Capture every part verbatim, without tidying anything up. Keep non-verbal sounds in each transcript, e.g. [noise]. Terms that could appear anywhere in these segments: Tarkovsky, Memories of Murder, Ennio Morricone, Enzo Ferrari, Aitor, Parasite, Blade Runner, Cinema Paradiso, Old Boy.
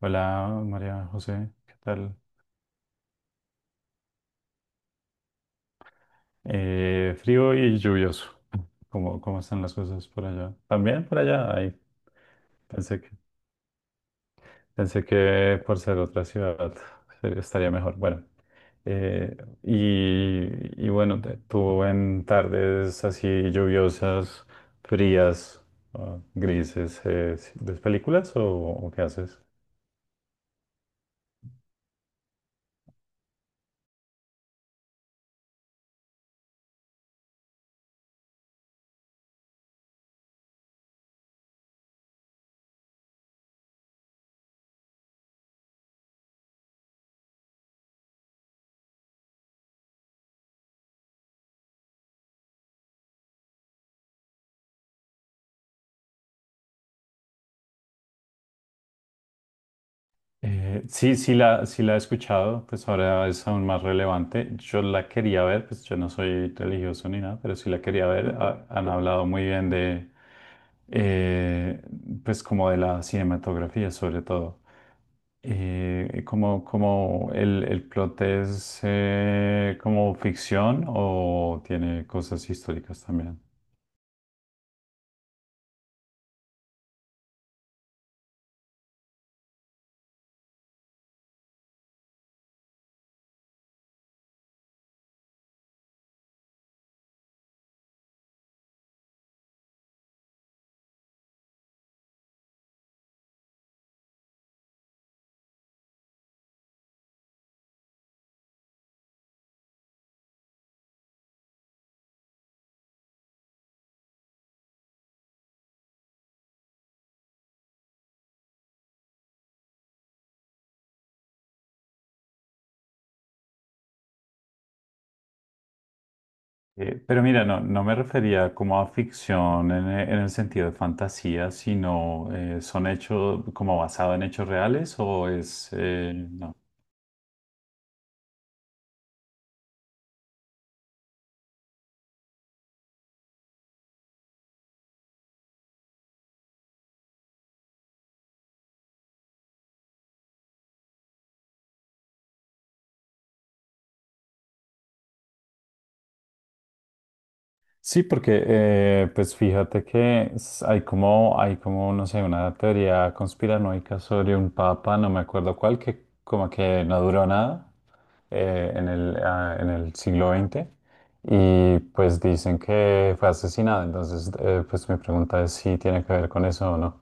Hola María José, ¿qué tal? Eh, frío y lluvioso. ¿Cómo, cómo están las cosas por allá? También por allá, ahí. Pensé que, Pensé que por ser otra ciudad ser- estaría mejor. Bueno, eh, y, y bueno, te- tú en tardes así lluviosas, frías, ah, grises, eh, ¿ves películas o o qué haces? Eh, sí, sí la, sí la he escuchado, pues ahora es aún más relevante. Yo la quería ver, pues yo no soy religioso ni nada, pero sí la quería ver. Ha- han hablado muy bien de, eh, pues como de la cinematografía sobre todo. Eh, como, como el, el plot es eh, como ficción o tiene cosas históricas también. Eh, pero mira, no, no me refería como a ficción en, e- en el sentido de fantasía, sino eh, son hechos como basado en hechos reales o es... eh, no. Sí, porque eh, pues fíjate que s- hay como, hay como, no sé, una teoría conspiranoica sobre un papa, no me acuerdo cuál, que como que no duró nada eh, en el, ah, en el siglo veinte y pues dicen que fue asesinado, entonces eh, pues mi pregunta es si tiene que ver con eso o no.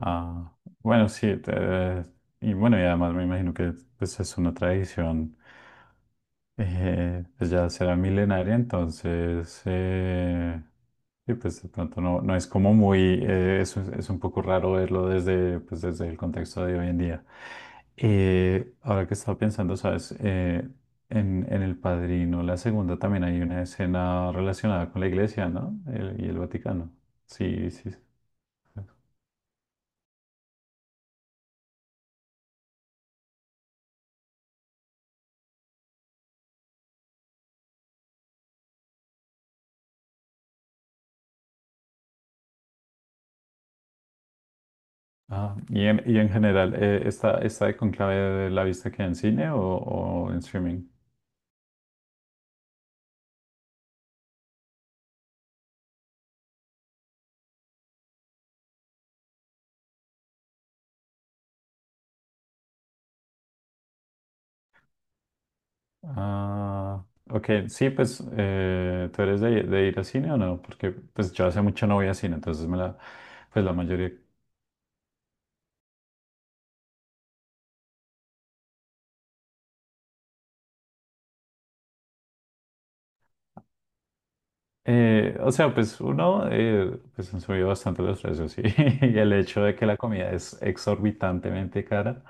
Ah, bueno, sí, te- y bueno, y además me imagino que pues, es una tradición eh, pues, ya será milenaria, entonces eh, sí, pues de pronto no, no es como muy, eh, es, un es un poco raro verlo desde, pues, desde el contexto de hoy en día. Eh, ahora que estaba pensando, sabes, Eh, en, en El Padrino, la segunda también hay una escena relacionada con la iglesia, ¿no? El- y el Vaticano. Sí, sí. Ah, y en, y en general, eh, ¿está, está de conclave la vista que en cine o, o en streaming? Ah, ok, sí, pues, eh, ¿tú eres de, de ir a cine o no? Porque pues yo hace mucho no voy a cine, entonces me la, pues la mayoría. Eh, o sea, pues uno, eh, pues han subido bastante los precios y, [laughs] y el hecho de que la comida es exorbitantemente cara,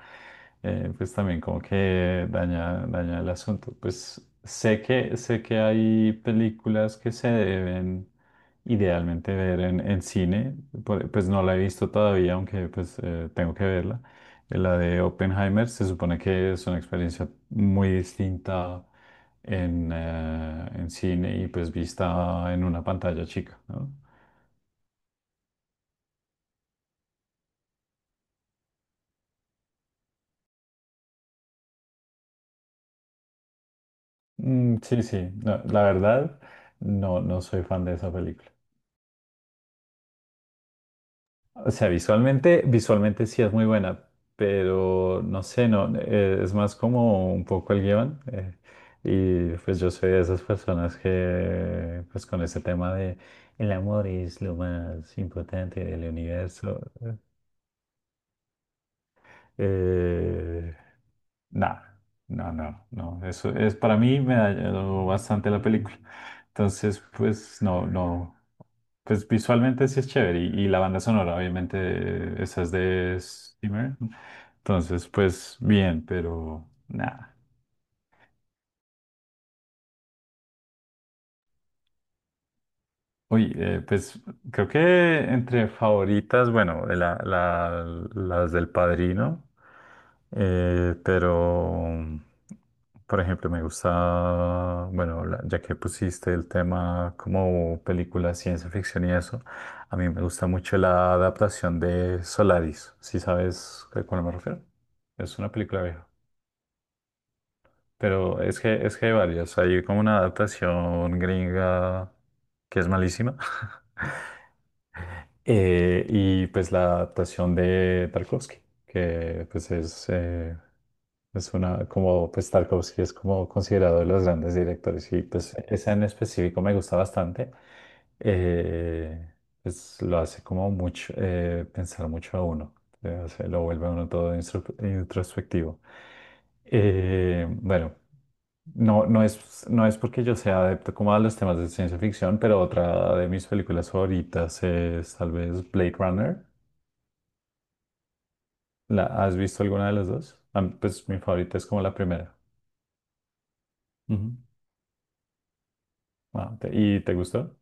eh, pues también como que daña, daña el asunto. Pues sé que, sé que hay películas que se deben idealmente ver en, en cine, por- pues no la he visto todavía, aunque pues eh, tengo que verla. La de Oppenheimer se supone que es una experiencia muy distinta en, eh, en cine y pues vista en una pantalla chica, ¿no? Mm, sí, sí, no, la verdad, no, no soy fan de esa película. O sea, visualmente, visualmente sí es muy buena, pero no sé, no, eh, es más como un poco el guión. Eh, y pues yo soy de esas personas que, pues con ese tema de el amor es lo más importante del universo. Eh, Nada, no, no, no. Eso es para mí me dañó bastante la película. Entonces, pues no, no. Pues visualmente sí es chévere. Y, y la banda sonora, obviamente, eh, esa es de Steamer. Entonces, pues bien, pero nada. Uy, eh, pues creo que entre favoritas, bueno, de la, la- las del Padrino, eh, pero por ejemplo me gusta, bueno, la- ya que pusiste el tema como película ciencia ficción y eso, a mí me gusta mucho la adaptación de Solaris, ¿si sabes a cuál me refiero? Es una película vieja, pero es que, es que hay varias, hay como una adaptación gringa que es malísima. [laughs] Eh, y pues la adaptación de Tarkovsky, que pues es, eh, es una, como pues Tarkovsky es como considerado de los grandes directores y pues esa en específico me gusta bastante. Eh, pues lo hace como mucho, eh, pensar mucho a uno, eh, o sea, lo vuelve a uno todo instru- introspectivo. Eh, bueno. No, no es, no es porque yo sea adepto como a los temas de ciencia ficción, pero otra de mis películas favoritas es tal vez Blade Runner. ¿La, has visto alguna de las dos? Ah, pues mi favorita es como la primera. Ujú. Ah, te- ¿y te gustó?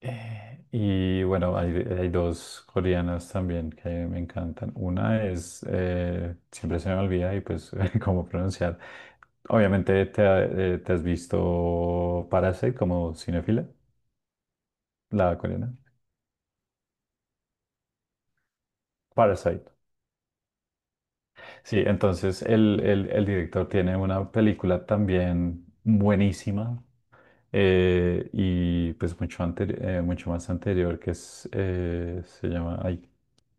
Eh, y bueno, hay, hay dos coreanas también que me encantan. Una es, eh, siempre se me olvida y pues [laughs] cómo pronunciar. Obviamente te, ha- eh, te has visto Parasite como cinéfila, la coreana. Parasite. Sí, entonces el, el- el director tiene una película también buenísima eh, y pues mucho, anteri- eh, mucho más anterior que es, eh, se llama, ay,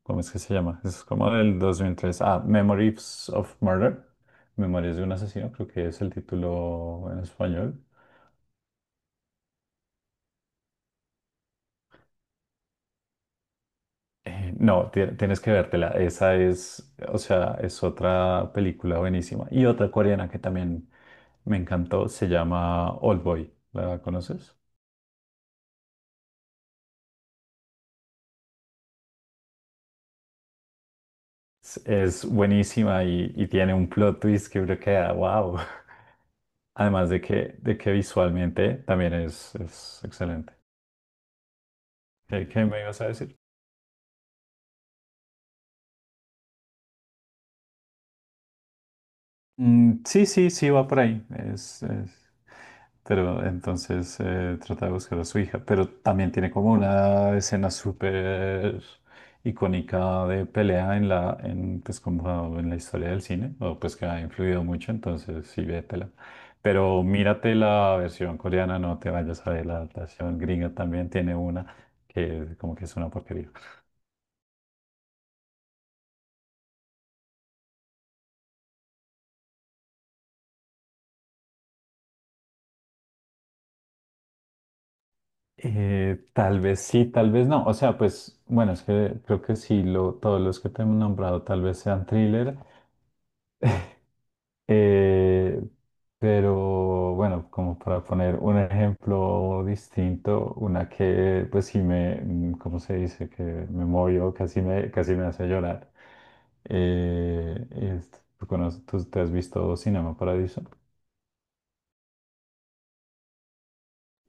¿cómo es que se llama? Es como del dos mil tres, ah, Memories of Murder, Memorias de un asesino, creo que es el título en español. Eh, no, tie- tienes que vértela, esa es, o sea, es otra película buenísima y otra coreana que también me encantó, se llama Old Boy, ¿la conoces? Es es buenísima y, y tiene un plot twist que uno queda, wow. [laughs] Además de que, de que visualmente también es, es excelente. ¿Qué, qué me ibas a decir? Mm, sí, sí, sí, va por ahí. Es, es- Pero entonces eh, trata de buscar a su hija. Pero también tiene como una escena súper icónica de pelea en la, en, pues como en la historia del cine, o pues que ha influido mucho, entonces sí ve. Pero mírate la versión coreana, no te vayas a ver la adaptación gringa, también tiene una que como que es una porquería. Eh, tal vez sí, tal vez no. O sea, pues bueno, es que creo que sí, lo, todos los que te he nombrado tal vez sean thriller. Eh, pero bueno, como para poner un ejemplo distinto, una que pues sí me, mm, ¿cómo se dice? Que me movió, casi me, casi me hace llorar. Eh, es- ¿Tú, conoces- tú te has visto Cinema Paradiso?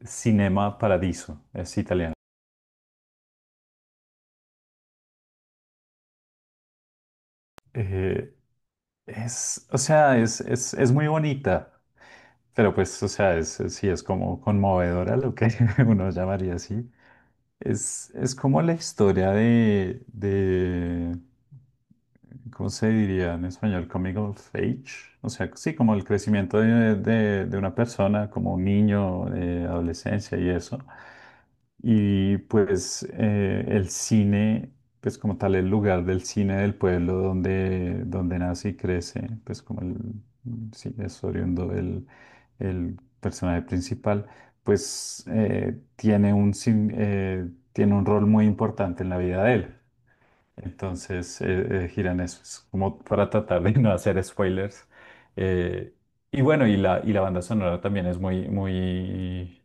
Cinema Paradiso, es italiano. Eh, es, o sea, es, es, es muy bonita, pero pues, o sea, es, es- sí es como conmovedora lo que [laughs] uno llamaría así. Es, es como la historia de, de, ¿cómo se diría en español? Coming of age. O sea, sí, como el crecimiento de, de- de una persona, como un niño, eh, adolescencia y eso. Y pues eh, el cine, pues como tal, el lugar del cine del pueblo donde, donde nace y crece, pues como el, sí, es oriundo el, el personaje principal, pues eh, tiene un, sin- eh, tiene un rol muy importante en la vida de él. Entonces, eh, eh, giran eso, es como para tratar de [laughs] no hacer spoilers. Eh, y bueno, y la, y la banda sonora también es muy, muy,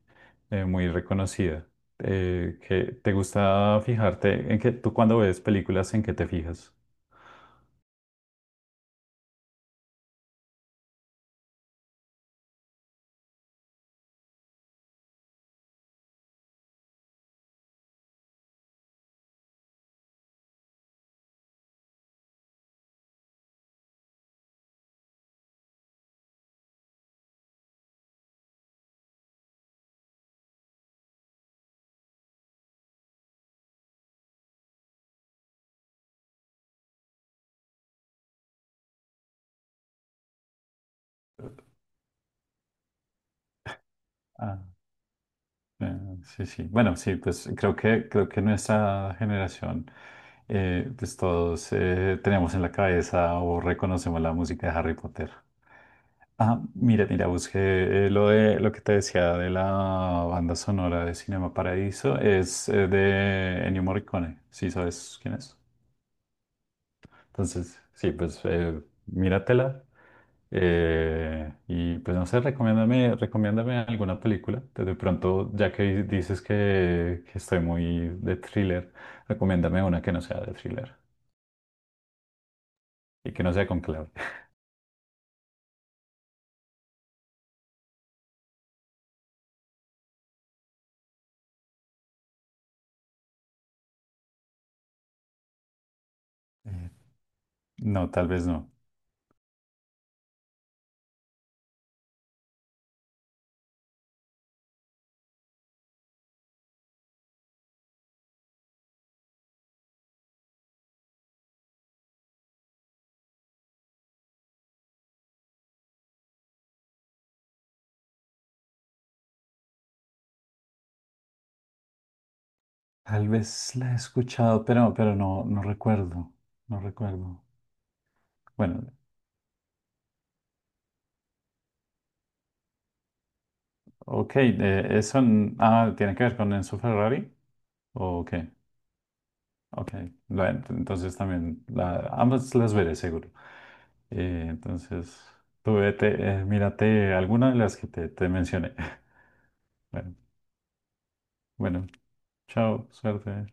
eh, muy reconocida. Eh, ¿qué- ¿te gusta fijarte en que tú cuando ves películas, en qué te fijas? Ah, sí, sí. Bueno, sí, pues creo que, creo que nuestra generación, eh, pues todos eh, tenemos en la cabeza o reconocemos la música de Harry Potter. Ah, mira, mira, busqué eh, lo de lo que te decía de la banda sonora de Cinema Paradiso, es eh, de Ennio Morricone. Sí, sabes quién es. Entonces, sí, pues eh, míratela eh, y pues no sé, recomiéndame, recomiéndame alguna película. De de pronto, ya que di- dices que, que estoy muy de thriller, recomiéndame una que no sea de thriller y que no sea con clave. Eh, No, tal vez no. Tal vez la he escuchado, pero, pero no, no recuerdo. No recuerdo. Bueno, ok, eh, eso n- ah, tiene que ver con Enzo Ferrari. ¿O qué? Ok, bueno, entonces también la, ambas las veré seguro. Eh, entonces, tú vete, eh, mírate alguna de las que te, te mencioné. [laughs] Bueno, bueno, chao, suerte.